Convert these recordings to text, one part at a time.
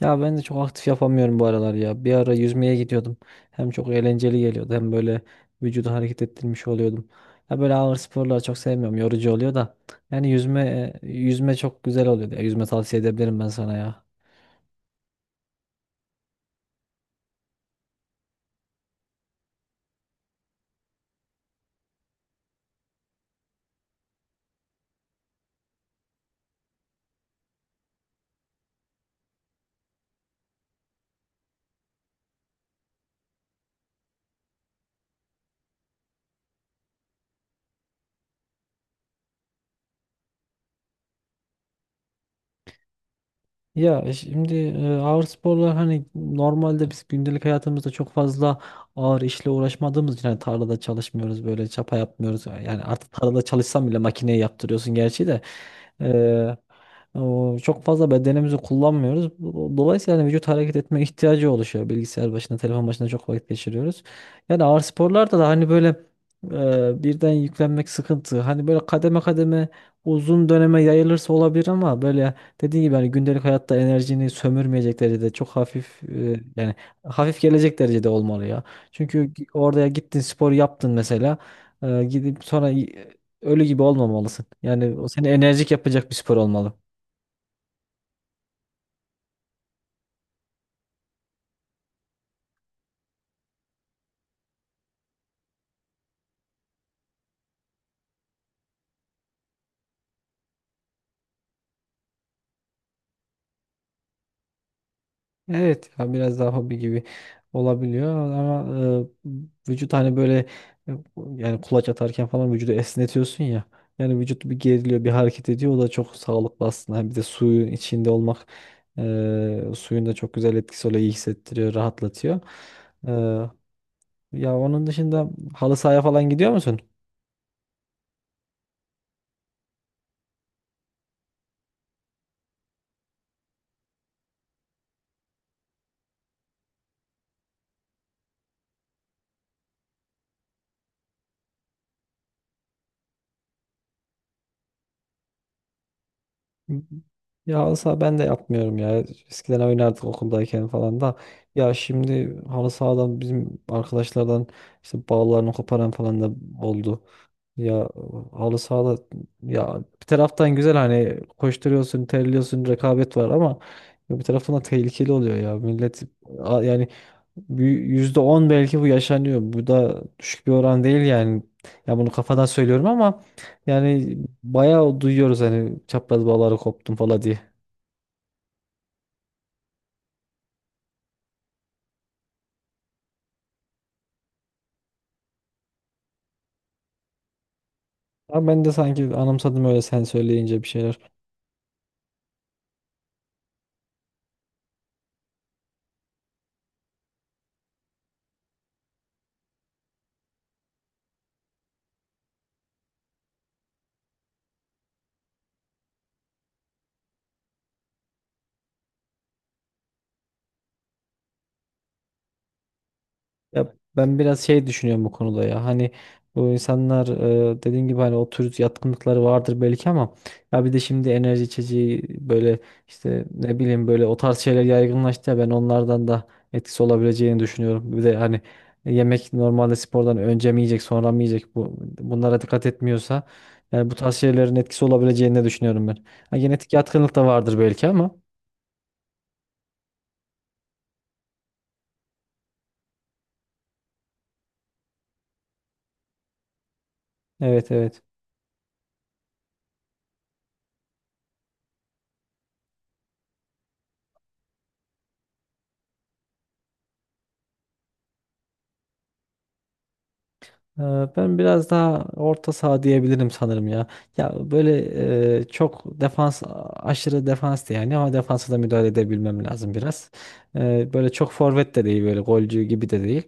Ya ben de çok aktif yapamıyorum bu aralar ya. Bir ara yüzmeye gidiyordum. Hem çok eğlenceli geliyordu hem böyle vücudu hareket ettirmiş oluyordum. Ya böyle ağır sporları çok sevmiyorum. Yorucu oluyor da. Yani yüzme çok güzel oluyordu. Ya yüzme tavsiye edebilirim ben sana ya. Şimdi ağır sporlar hani normalde biz gündelik hayatımızda çok fazla ağır işle uğraşmadığımız için hani tarlada çalışmıyoruz böyle çapa yapmıyoruz. Yani artık tarlada çalışsam bile makineye yaptırıyorsun gerçi de. O çok fazla bedenimizi kullanmıyoruz. Dolayısıyla hani vücut hareket etme ihtiyacı oluşuyor. Bilgisayar başında, telefon başında çok vakit geçiriyoruz. Yani ağır sporlarda da hani böyle birden yüklenmek sıkıntı. Hani böyle kademe kademe uzun döneme yayılırsa olabilir ama böyle, dediğim gibi hani gündelik hayatta enerjini sömürmeyecek derecede çok hafif, yani hafif gelecek derecede olmalı ya. Çünkü oraya gittin, spor yaptın mesela, gidip sonra ölü gibi olmamalısın. Yani o seni enerjik yapacak bir spor olmalı. Evet ya, biraz daha hobi gibi olabiliyor ama vücut hani böyle, e, yani kulaç atarken falan vücudu esnetiyorsun ya. Yani vücut bir geriliyor, bir hareket ediyor. O da çok sağlıklı aslında. Hem bir de suyun içinde olmak, suyun da çok güzel etkisi oluyor. İyi hissettiriyor, rahatlatıyor. E, Ya onun dışında halı sahaya falan gidiyor musun? Ya olsa ben de yapmıyorum ya. Eskiden oynardık okuldayken falan da. Ya şimdi halı sahadan bizim arkadaşlardan işte bağlarını koparan falan da oldu. Ya halı sahada, ya bir taraftan güzel, hani koşturuyorsun, terliyorsun, rekabet var ama ya bir taraftan da tehlikeli oluyor ya. Millet, yani bir %10 belki bu yaşanıyor. Bu da düşük bir oran değil yani. Ya bunu kafadan söylüyorum ama yani bayağı duyuyoruz hani çapraz bağları koptum falan diye. Ama ben de sanki anımsadım öyle, sen söyleyince bir şeyler. Ya ben biraz şey düşünüyorum bu konuda ya. Hani bu insanlar, dediğin gibi hani o tür yatkınlıkları vardır belki ama ya bir de şimdi enerji içeceği böyle, işte ne bileyim, böyle o tarz şeyler yaygınlaştı ya, ben onlardan da etkisi olabileceğini düşünüyorum. Bir de hani yemek, normalde spordan önce mi yiyecek sonra mı yiyecek, bunlara dikkat etmiyorsa, yani bu tarz şeylerin etkisi olabileceğini de düşünüyorum ben. Ha, genetik yatkınlık da vardır belki ama. Evet, evet. Ben biraz daha orta saha diyebilirim sanırım ya. Ya böyle, çok defans, aşırı defans da yani, ama defansa da müdahale edebilmem lazım biraz. Böyle çok forvet de değil, böyle golcü gibi de değil.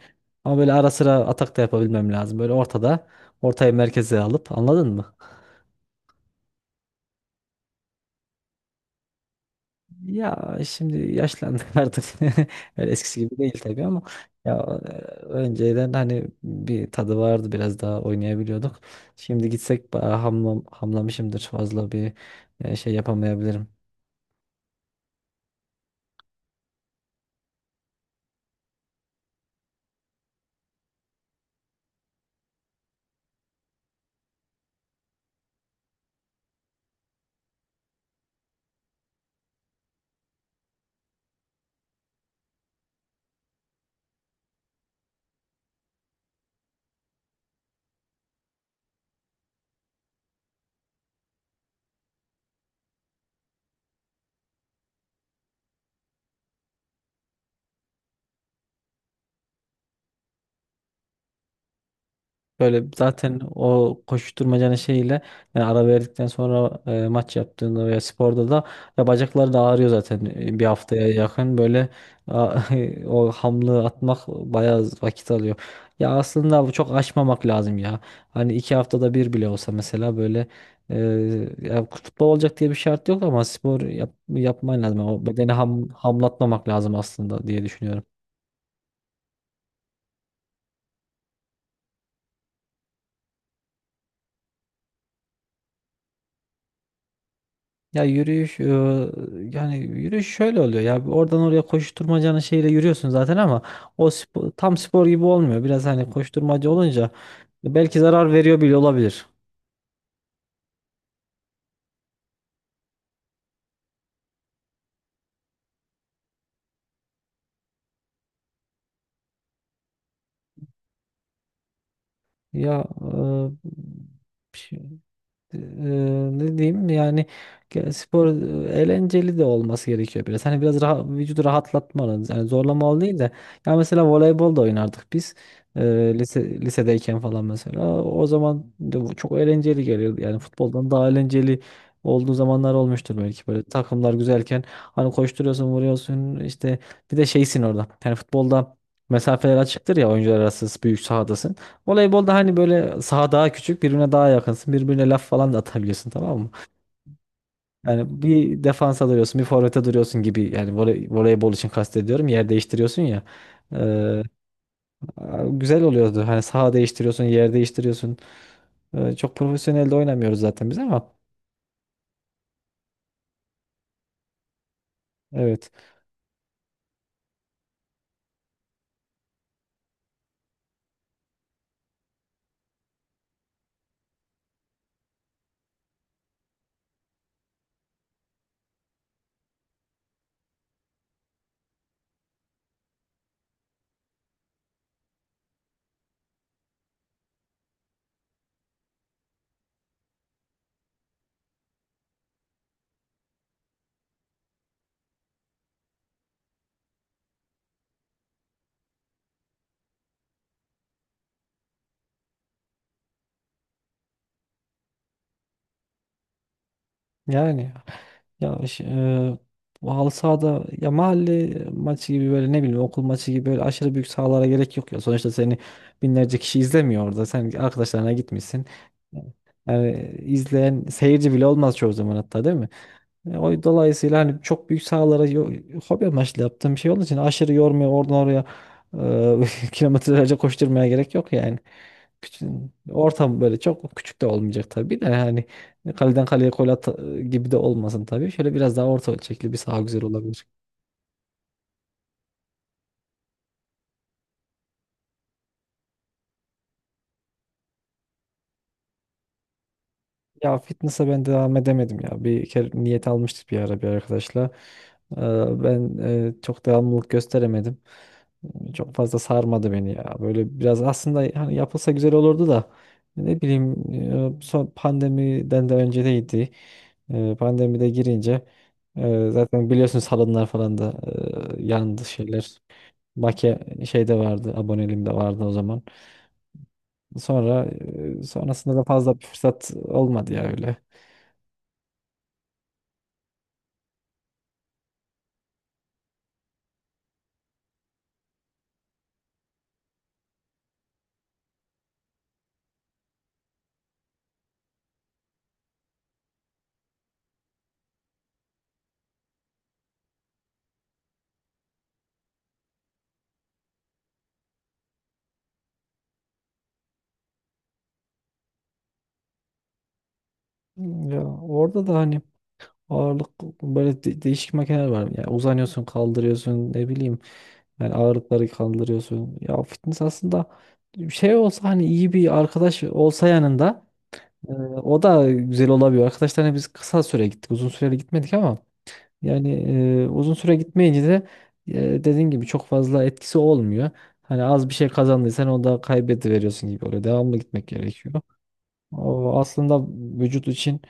Ama böyle ara sıra atak da yapabilmem lazım. Böyle ortada, ortayı merkeze alıp, anladın mı? Ya şimdi yaşlandık artık. Öyle eskisi gibi değil tabii ama ya, e, önceden hani bir tadı vardı, biraz daha oynayabiliyorduk. Şimdi gitsek hamlamışımdır, fazla bir şey yapamayabilirim. Böyle zaten o koşuşturmacanın şeyiyle, yani ara verdikten sonra maç yaptığında veya sporda da, ya bacakları da ağrıyor zaten bir haftaya yakın böyle, a- o hamlığı atmak bayağı vakit alıyor. Ya aslında bu çok aşmamak lazım ya. Hani 2 haftada bir bile olsa mesela, böyle, e, ya futbol olacak diye bir şart yok ama spor yapman lazım. O bedeni hamlatmamak lazım aslında diye düşünüyorum. Ya yürüyüş, yani yürüyüş şöyle oluyor ya, oradan oraya koşturmacanın şeyle yürüyorsun zaten ama o tam spor gibi olmuyor. Biraz hani koşturmaca olunca belki zarar veriyor bile olabilir. Ya, e, Eee, ne diyeyim yani, spor eğlenceli de olması gerekiyor biraz. Hani biraz rahat, vücudu rahatlatmalı. Yani zorlamalı değil de. Ya mesela voleybol da oynardık biz. Eee, lisedeyken falan mesela. O zaman de bu çok eğlenceli geliyordu. Yani futboldan daha eğlenceli olduğu zamanlar olmuştur belki, böyle takımlar güzelken, hani koşturuyorsun, vuruyorsun, işte bir de şeysin orada, yani futbolda mesafeler açıktır ya, oyuncular arası büyük sahadasın. Voleybolda hani böyle saha daha küçük, birbirine daha yakınsın. Birbirine laf falan da atabiliyorsun, tamam mı? Yani bir defansa duruyorsun, bir forvete duruyorsun gibi. Yani voleybol için kastediyorum. Yer değiştiriyorsun ya. Ee, Güzel oluyordu. Hani saha değiştiriyorsun, yer değiştiriyorsun. Çok profesyonel de oynamıyoruz zaten biz ama. Evet. Yani, ya ş- e, bu halı sahada, ya mahalle maçı gibi, böyle ne bileyim, okul maçı gibi, böyle aşırı büyük sahalara gerek yok ya. Sonuçta seni binlerce kişi izlemiyor orada. Sen arkadaşlarına gitmişsin. Yani izleyen seyirci bile olmaz çoğu zaman hatta, değil mi? O dolayısıyla hani çok büyük sahalara, hobi amaçlı yaptığım bir şey olduğu için aşırı yormuyor, oradan oraya kilometrelerce koşturmaya gerek yok yani. Küçük, Ortam böyle çok küçük de olmayacak tabii de, yani kaleden kaleye gol at gibi de olmasın tabii. Şöyle biraz daha orta ölçekli bir saha güzel olabilir. Ya fitness'a ben devam edemedim ya. Bir kere niyet almıştık bir ara bir arkadaşla. E, Ben çok devamlılık gösteremedim. Çok fazla sarmadı beni ya. Böyle biraz aslında hani yapılsa güzel olurdu da, ne bileyim, son pandemiden de öncedeydi. Pandemide girince zaten biliyorsunuz, salonlar falan da yandı şeyler. Make şeyde vardı, aboneliğimde vardı o zaman. Sonra Sonrasında da fazla bir fırsat olmadı ya öyle. Ya orada da hani ağırlık, böyle değişik makineler var. Yani uzanıyorsun, kaldırıyorsun, ne bileyim. Yani ağırlıkları kaldırıyorsun. Ya fitness aslında şey olsa, hani iyi bir arkadaş olsa yanında, o da güzel olabiliyor. Arkadaşlarla biz kısa süre gittik. Uzun süreli gitmedik ama yani, uzun süre gitmeyince de, e, dediğin gibi çok fazla etkisi olmuyor. Hani az bir şey kazandıysan o da kaybediveriyorsun gibi oluyor. Devamlı gitmek gerekiyor. O aslında vücut için,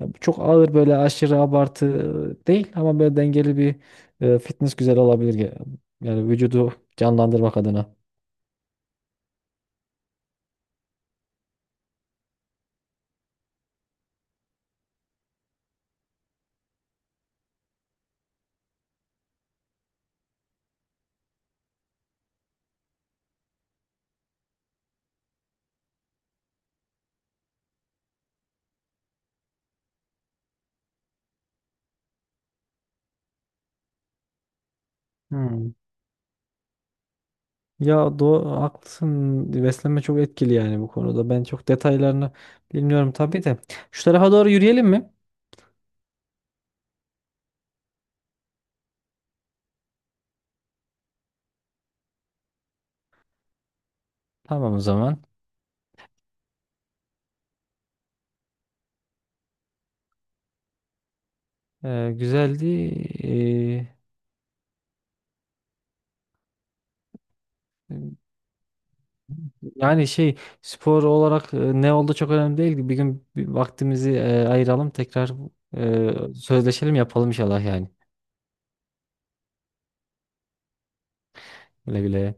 ya çok ağır böyle aşırı abartı değil ama böyle dengeli bir fitness güzel olabilir. Yani vücudu canlandırmak adına. Hmm. Ya doğru, haklısın. Beslenme çok etkili yani bu konuda. Ben çok detaylarını bilmiyorum tabii de. Şu tarafa doğru yürüyelim mi? Tamam o zaman. Güzeldi. Yani şey, spor olarak ne oldu çok önemli değil. Bir gün bir vaktimizi ayıralım, tekrar sözleşelim, yapalım inşallah yani. Güle güle.